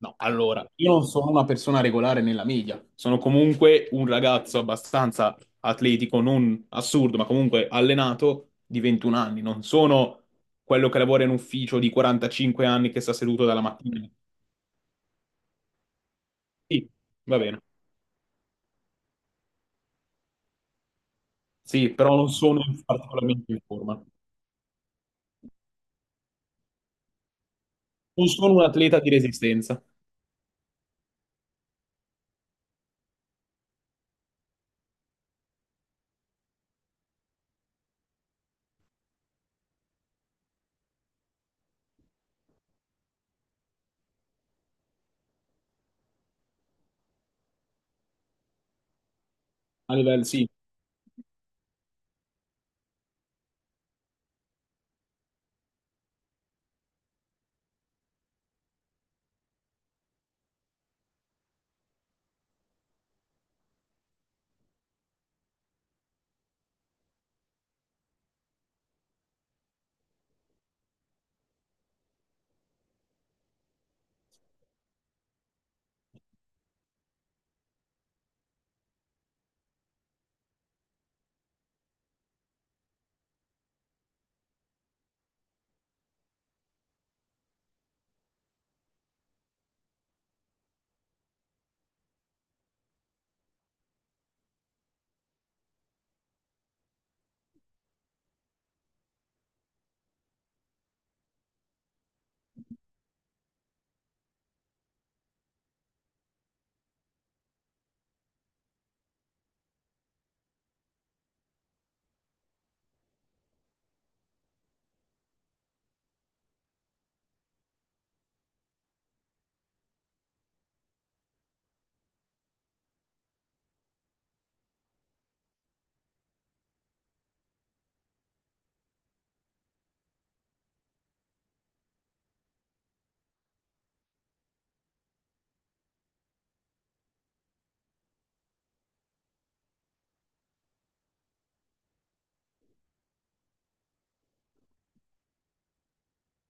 No, allora, io non sono una persona regolare nella media, sono comunque un ragazzo abbastanza atletico, non assurdo, ma comunque allenato di 21 anni, non sono quello che lavora in ufficio di 45 anni che sta seduto dalla mattina. Sì, va bene. Sì, però non sono particolarmente in forma. Non sono un atleta di resistenza, a livello, sì.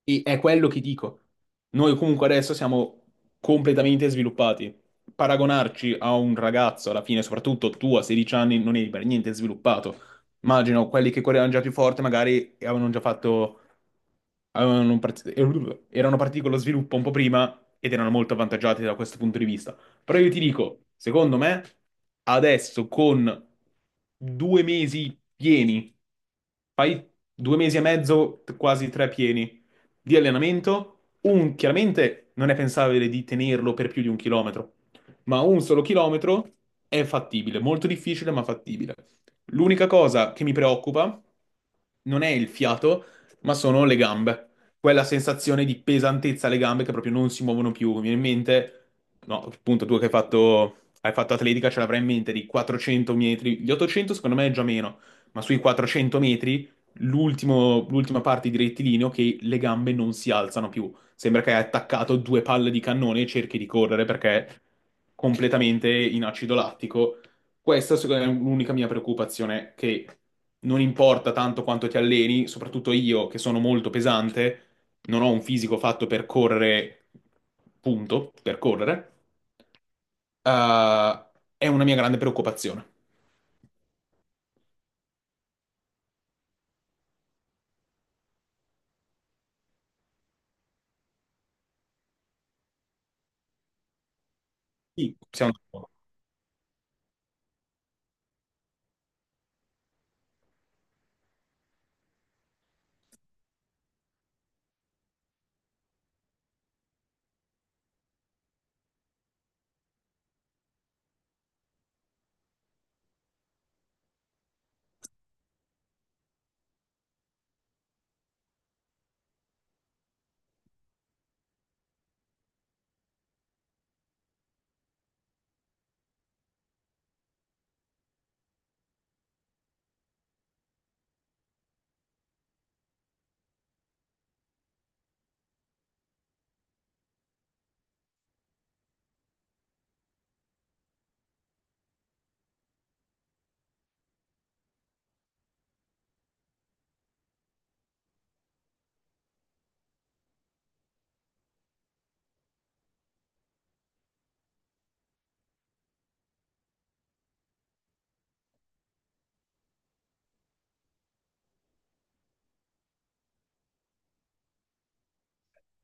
E è quello che dico. Noi comunque adesso siamo completamente sviluppati. Paragonarci a un ragazzo, alla fine, soprattutto tu a 16 anni, non eri per niente sviluppato. Immagino quelli che correvano già più forte, magari avevano già fatto, avevano un part- erano partiti con lo sviluppo un po' prima ed erano molto avvantaggiati da questo punto di vista. Però io ti dico, secondo me, adesso con 2 mesi pieni, fai 2 mesi e mezzo, quasi tre pieni di allenamento, un chiaramente non è pensabile di tenerlo per più di un chilometro, ma un solo chilometro è fattibile, molto difficile ma fattibile. L'unica cosa che mi preoccupa non è il fiato, ma sono le gambe. Quella sensazione di pesantezza alle gambe che proprio non si muovono più. Mi viene in mente, no, appunto, tu che hai fatto atletica ce l'avrai in mente di 400 metri. Gli 800 secondo me è già meno, ma sui 400 metri l'ultima parte di rettilineo che le gambe non si alzano più. Sembra che hai attaccato due palle di cannone e cerchi di correre perché è completamente in acido lattico. Questa, secondo me, è l'unica mia preoccupazione, che non importa tanto quanto ti alleni, soprattutto io che sono molto pesante, non ho un fisico fatto per correre, punto, per correre, eh, è una mia grande preoccupazione. Sì. Siamo d'accordo.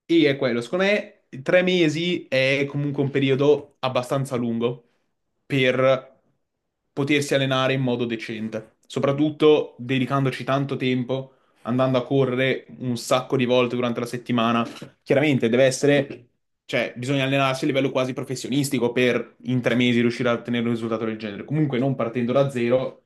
E è quello, secondo me 3 mesi è comunque un periodo abbastanza lungo per potersi allenare in modo decente, soprattutto dedicandoci tanto tempo, andando a correre un sacco di volte durante la settimana. Chiaramente deve essere, cioè bisogna allenarsi a livello quasi professionistico per in 3 mesi riuscire a ottenere un risultato del genere, comunque non partendo da zero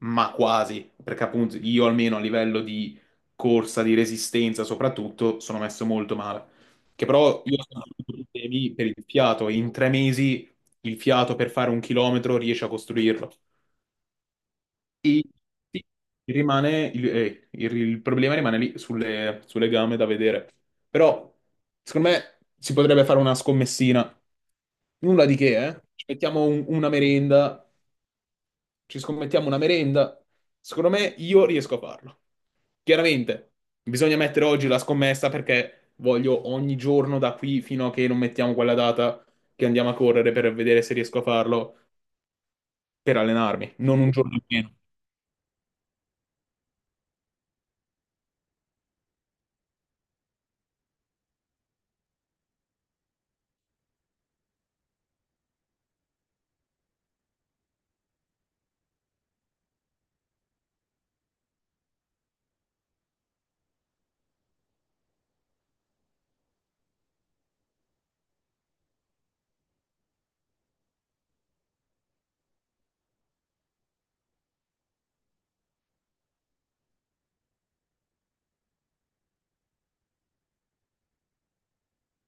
ma quasi, perché appunto io almeno a livello di corsa, di resistenza soprattutto, sono messo molto male. Che però io sono problemi per il fiato e in 3 mesi il fiato per fare un chilometro riesce a costruirlo. E sì, rimane il problema rimane lì sulle gambe da vedere. Però secondo me si potrebbe fare una scommessina. Nulla di che, eh? Ci mettiamo una merenda, ci scommettiamo una merenda. Secondo me io riesco a farlo. Chiaramente, bisogna mettere oggi la scommessa perché voglio ogni giorno da qui fino a che non mettiamo quella data che andiamo a correre per vedere se riesco a farlo per allenarmi. Non un giorno,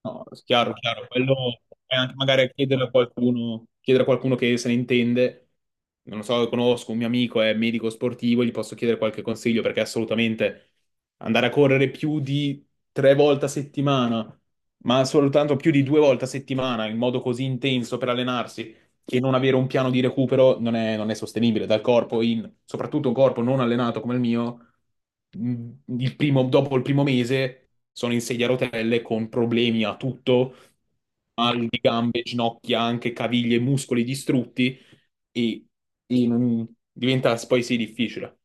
no, chiaro, chiaro. Quello è anche magari chiedere a qualcuno, che se ne intende. Non lo so, conosco un mio amico, è medico sportivo, gli posso chiedere qualche consiglio perché assolutamente andare a correre più di 3 volte a settimana, ma soltanto più di 2 volte a settimana in modo così intenso per allenarsi che non avere un piano di recupero non è sostenibile dal corpo, soprattutto un corpo non allenato come il mio, mh, dopo il primo mese sono in sedia a rotelle con problemi a tutto, mal di gambe, ginocchia, anche caviglie, muscoli distrutti e, e diventa poi sì difficile.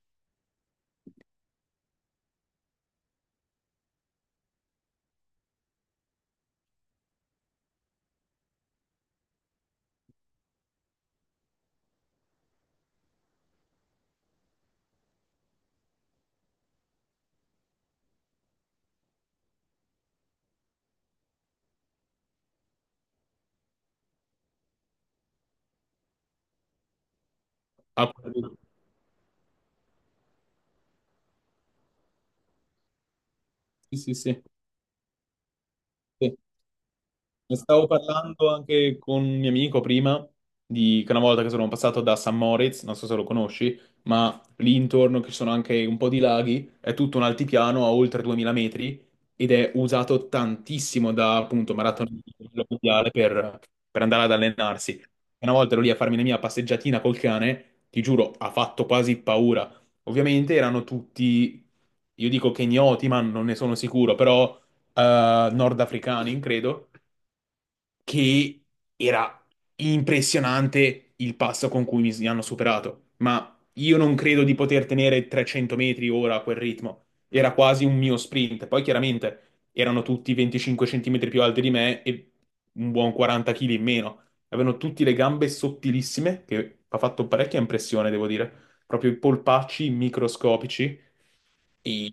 Ah, sì, sì, sì. Sì. Ne stavo parlando anche con un mio amico prima, che una volta che sono passato da San Moritz, non so se lo conosci, ma lì intorno che ci sono anche un po' di laghi, è tutto un altipiano a oltre 2000 metri ed è usato tantissimo da appunto maratoni a livello mondiale per andare ad allenarsi. Una volta ero lì a farmi la mia passeggiatina col cane, ti giuro, ha fatto quasi paura. Ovviamente erano tutti, io dico kenyoti, ma non ne sono sicuro, però nordafricani, credo che era impressionante il passo con cui mi hanno superato, ma io non credo di poter tenere 300 metri ora a quel ritmo. Era quasi un mio sprint. Poi chiaramente erano tutti 25 centimetri più alti di me e un buon 40 kg in meno. Avevano tutti le gambe sottilissime, che ha fatto parecchia impressione, devo dire. Proprio i polpacci microscopici e